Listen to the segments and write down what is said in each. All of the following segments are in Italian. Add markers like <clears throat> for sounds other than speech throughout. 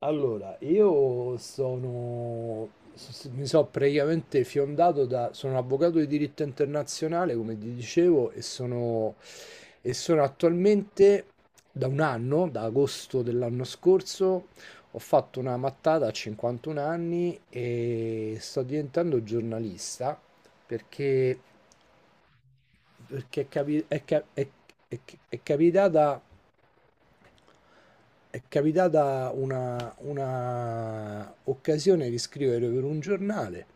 Allora, io sono, mi sono praticamente fiondato da, sono avvocato di diritto internazionale, come ti dicevo, e sono attualmente da un anno, da agosto dell'anno scorso, ho fatto una mattata a 51 anni e sto diventando giornalista perché, perché è, capi- è ca- è- è capitata È capitata una occasione di scrivere per un giornale,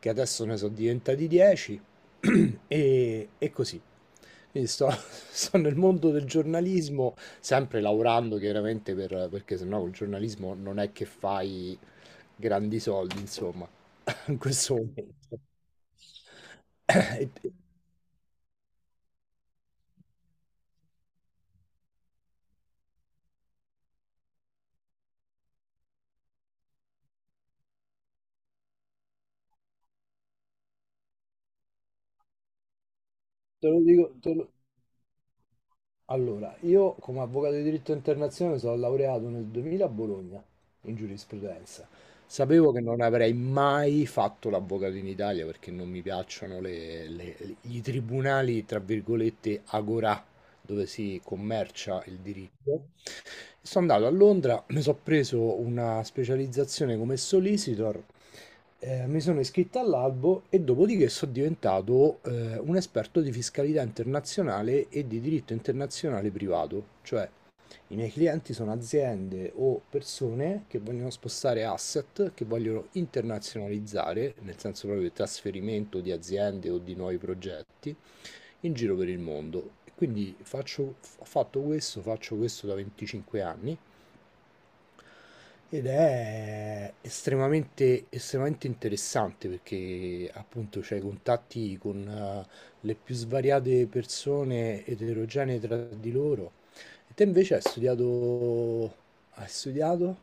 che adesso ne sono diventati 10. <clears throat> E, e così. Quindi sto, <laughs> sto nel mondo del giornalismo, sempre lavorando chiaramente per, perché sennò col giornalismo non è che fai grandi soldi, insomma, <laughs> in questo momento. <clears throat> <laughs> E te te lo dico, te lo- Allora, io come avvocato di diritto internazionale sono laureato nel 2000 a Bologna in giurisprudenza. Sapevo che non avrei mai fatto l'avvocato in Italia perché non mi piacciono i tribunali, tra virgolette, agorà, dove si commercia il diritto. Sono andato a Londra, mi sono preso una specializzazione come solicitor, mi sono iscritto all'albo e dopodiché sono diventato un esperto di fiscalità internazionale e di diritto internazionale privato, cioè i miei clienti sono aziende o persone che vogliono spostare asset, che vogliono internazionalizzare, nel senso proprio di trasferimento di aziende o di nuovi progetti, in giro per il mondo. Quindi ho fatto questo, faccio questo da 25 anni ed è estremamente, estremamente interessante perché appunto c'hai contatti con le più svariate persone eterogenee tra di loro. E te invece hai studiato... Hai studiato?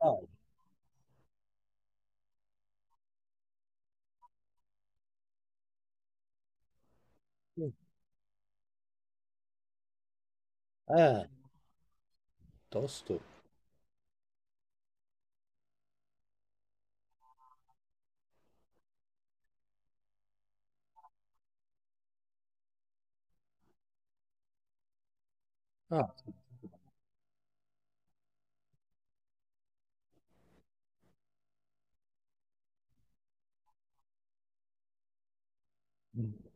Ah, sì. Eh, tosto. Ah, mm,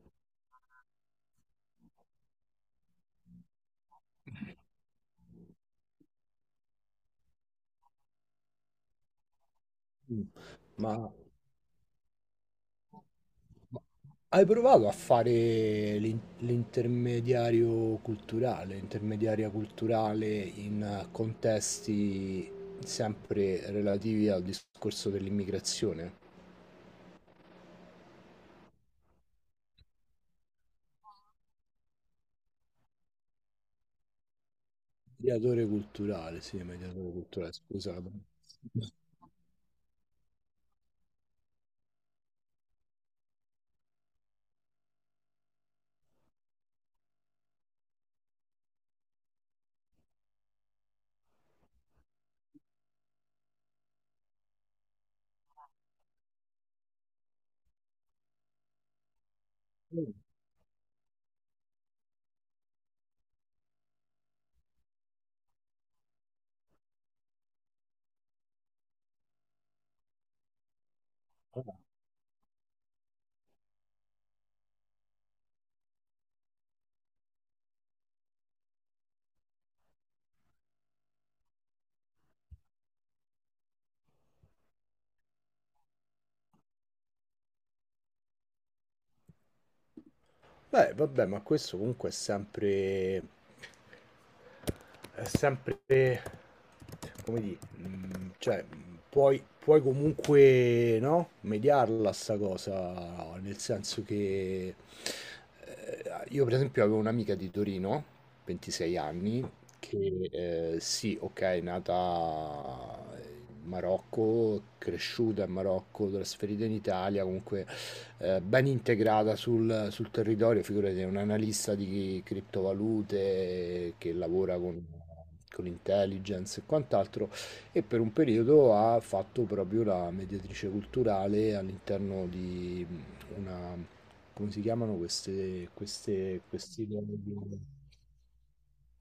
mm. Ma... Ma hai provato a fare l'intermediario culturale, intermediaria culturale in contesti sempre relativi al discorso dell'immigrazione? Mediatore culturale, sì, mediatore culturale, scusa. Beh, vabbè, ma questo comunque è sempre... come dire, cioè, puoi, puoi comunque, no? Mediarla sta cosa, nel senso che... io per esempio avevo un'amica di Torino, 26 anni, che sì, ok, è nata in Marocco, cresciuta in Marocco, trasferita in Italia, comunque ben integrata sul, sul territorio, figurati, è un analista di criptovalute che lavora con intelligence e quant'altro, e per un periodo ha fatto proprio la mediatrice culturale all'interno di una, come si chiamano queste, queste, questi luoghi?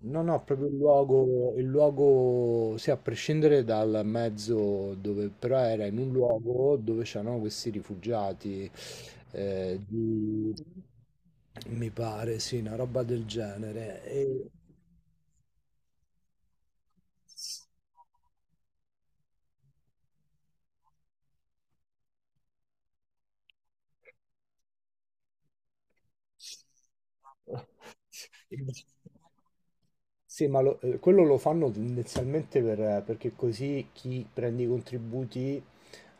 No, no, proprio il luogo, sì, a prescindere dal mezzo dove, però era in un luogo dove c'erano questi rifugiati, di, mi pare, sì, una roba del genere. E... <laughs> Sì, ma quello lo fanno tendenzialmente perché così chi prende i contributi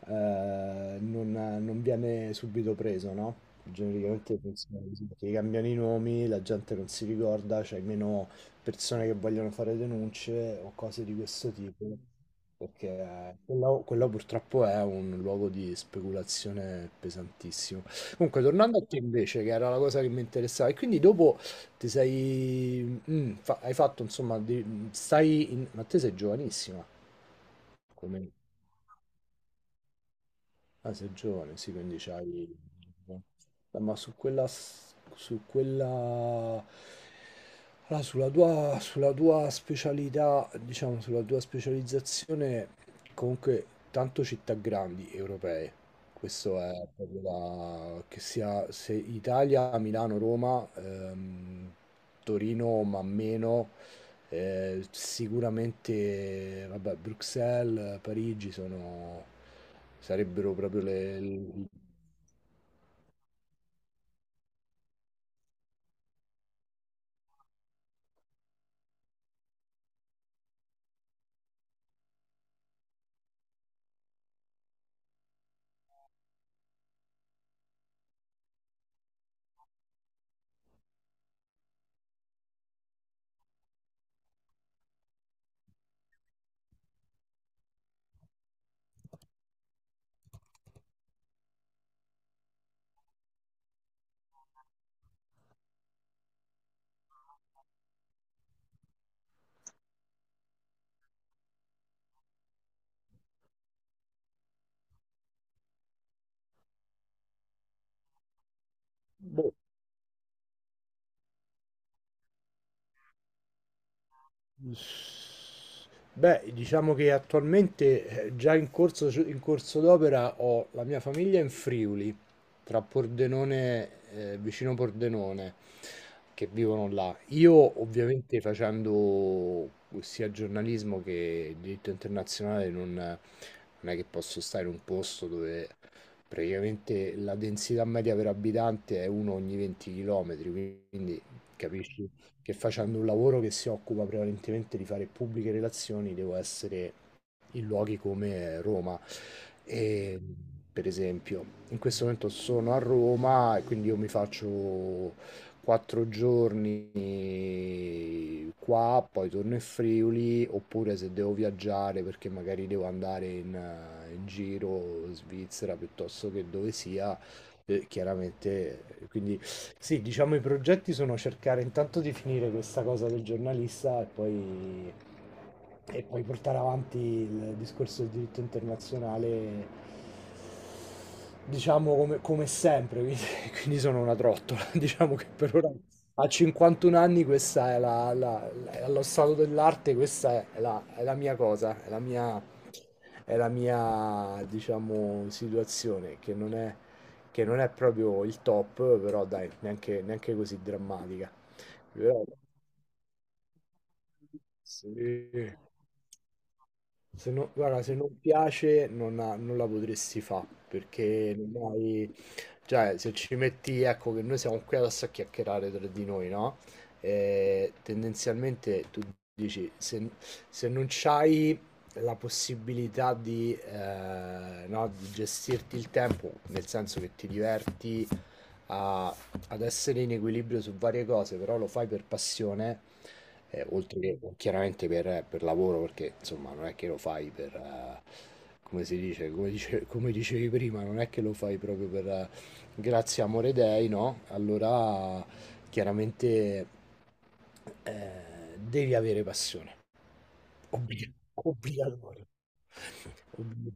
non, non viene subito preso, no? Genericamente funziona così, perché gli cambiano i nomi, la gente non si ricorda, c'è meno persone che vogliono fare denunce o cose di questo tipo, perché quello, quello purtroppo è un luogo di speculazione pesantissimo. Comunque, tornando a te invece, che era la cosa che mi interessava, e quindi dopo ti sei... mm, hai fatto, insomma, stai Ma te sei giovanissima, come... Ah, sei giovane, sì, quindi c'hai... ma su quella... su quella... Allora, sulla tua specialità, diciamo, sulla tua specializzazione, comunque, tanto città grandi europee. Questo è proprio la... che sia se Italia, Milano, Roma, Torino, ma meno. Sicuramente, vabbè, Bruxelles, Parigi sono, sarebbero proprio le. Boh, S- Beh, diciamo che attualmente già in corso d'opera ho la mia famiglia in Friuli, tra Pordenone, vicino Pordenone, che vivono là. Io ovviamente facendo sia giornalismo che diritto internazionale non è che posso stare in un posto dove praticamente la densità media per abitante è uno ogni 20 km, quindi capisci? Che facendo un lavoro che si occupa prevalentemente di fare pubbliche relazioni, devo essere in luoghi come Roma. E, per esempio, in questo momento sono a Roma e quindi io mi faccio quattro giorni qua, poi torno in Friuli, oppure se devo viaggiare perché magari devo andare in, in giro, Svizzera piuttosto che dove sia, chiaramente, quindi sì, diciamo i progetti sono cercare intanto di finire questa cosa del giornalista e poi portare avanti il discorso del diritto internazionale, diciamo come, come sempre, quindi, <laughs> quindi sono una trottola. <laughs> Diciamo che per ora a 51 anni questa è allo stato dell'arte, questa è la mia cosa, è la mia, diciamo, situazione che non è proprio il top, però dai, neanche, neanche così drammatica. Però, sì. Se non, guarda, se non piace non, non la potresti fare perché non hai cioè, se ci metti, ecco che noi siamo qui adesso a chiacchierare tra di noi, no? E tendenzialmente tu dici, se, se non c'hai la possibilità di, no, di gestirti il tempo, nel senso che ti diverti a- ad essere in equilibrio su varie cose, però lo fai per passione, oltre che chiaramente per lavoro, perché insomma non è che lo fai per, come si dice, come dicevi prima, non è che lo fai proprio per, grazie amore dei, no? Allora chiaramente devi avere passione. Obbligatorio. <laughs> Obbli-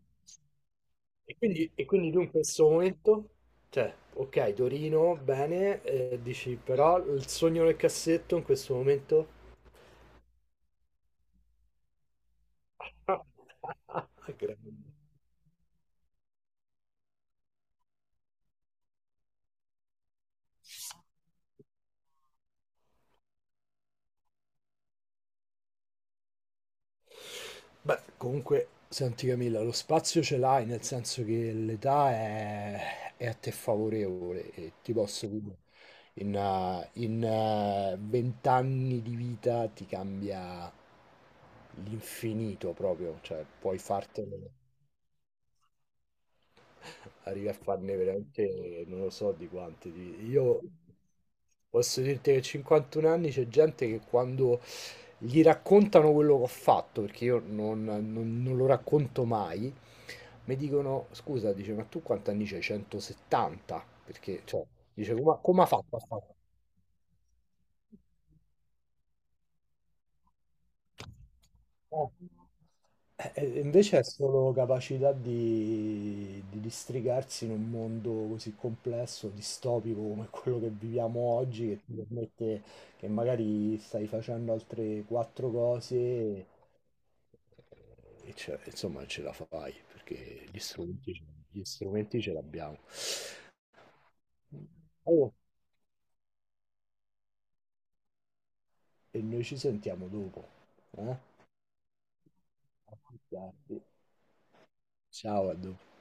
E quindi tu in questo momento, cioè, ok, Torino, bene, dici, però il sogno nel cassetto in questo momento... <laughs> Grande. Beh, comunque, senti Camilla, lo spazio ce l'hai, nel senso che l'età è a te favorevole e ti posso dire, in, 20 anni di vita ti cambia l'infinito proprio, cioè puoi fartelo arrivi a farne veramente non lo so di quanti. Io posso dirti che a 51 anni c'è gente che quando gli raccontano quello che ho fatto, perché io non lo racconto mai, mi dicono, scusa, dice, ma tu quanti anni c'hai? 170? Perché, cioè, dice, come, come ha fatto a fare? Eh. E invece è solo capacità di districarsi in un mondo così complesso, distopico come <laughs> quello che viviamo oggi, che ti permette che magari stai facendo altre quattro cose e, insomma ce la fai, perché gli strumenti ce l'abbiamo. Oh, e noi ci sentiamo dopo. Eh? A più tardi. Ciao, a dopo.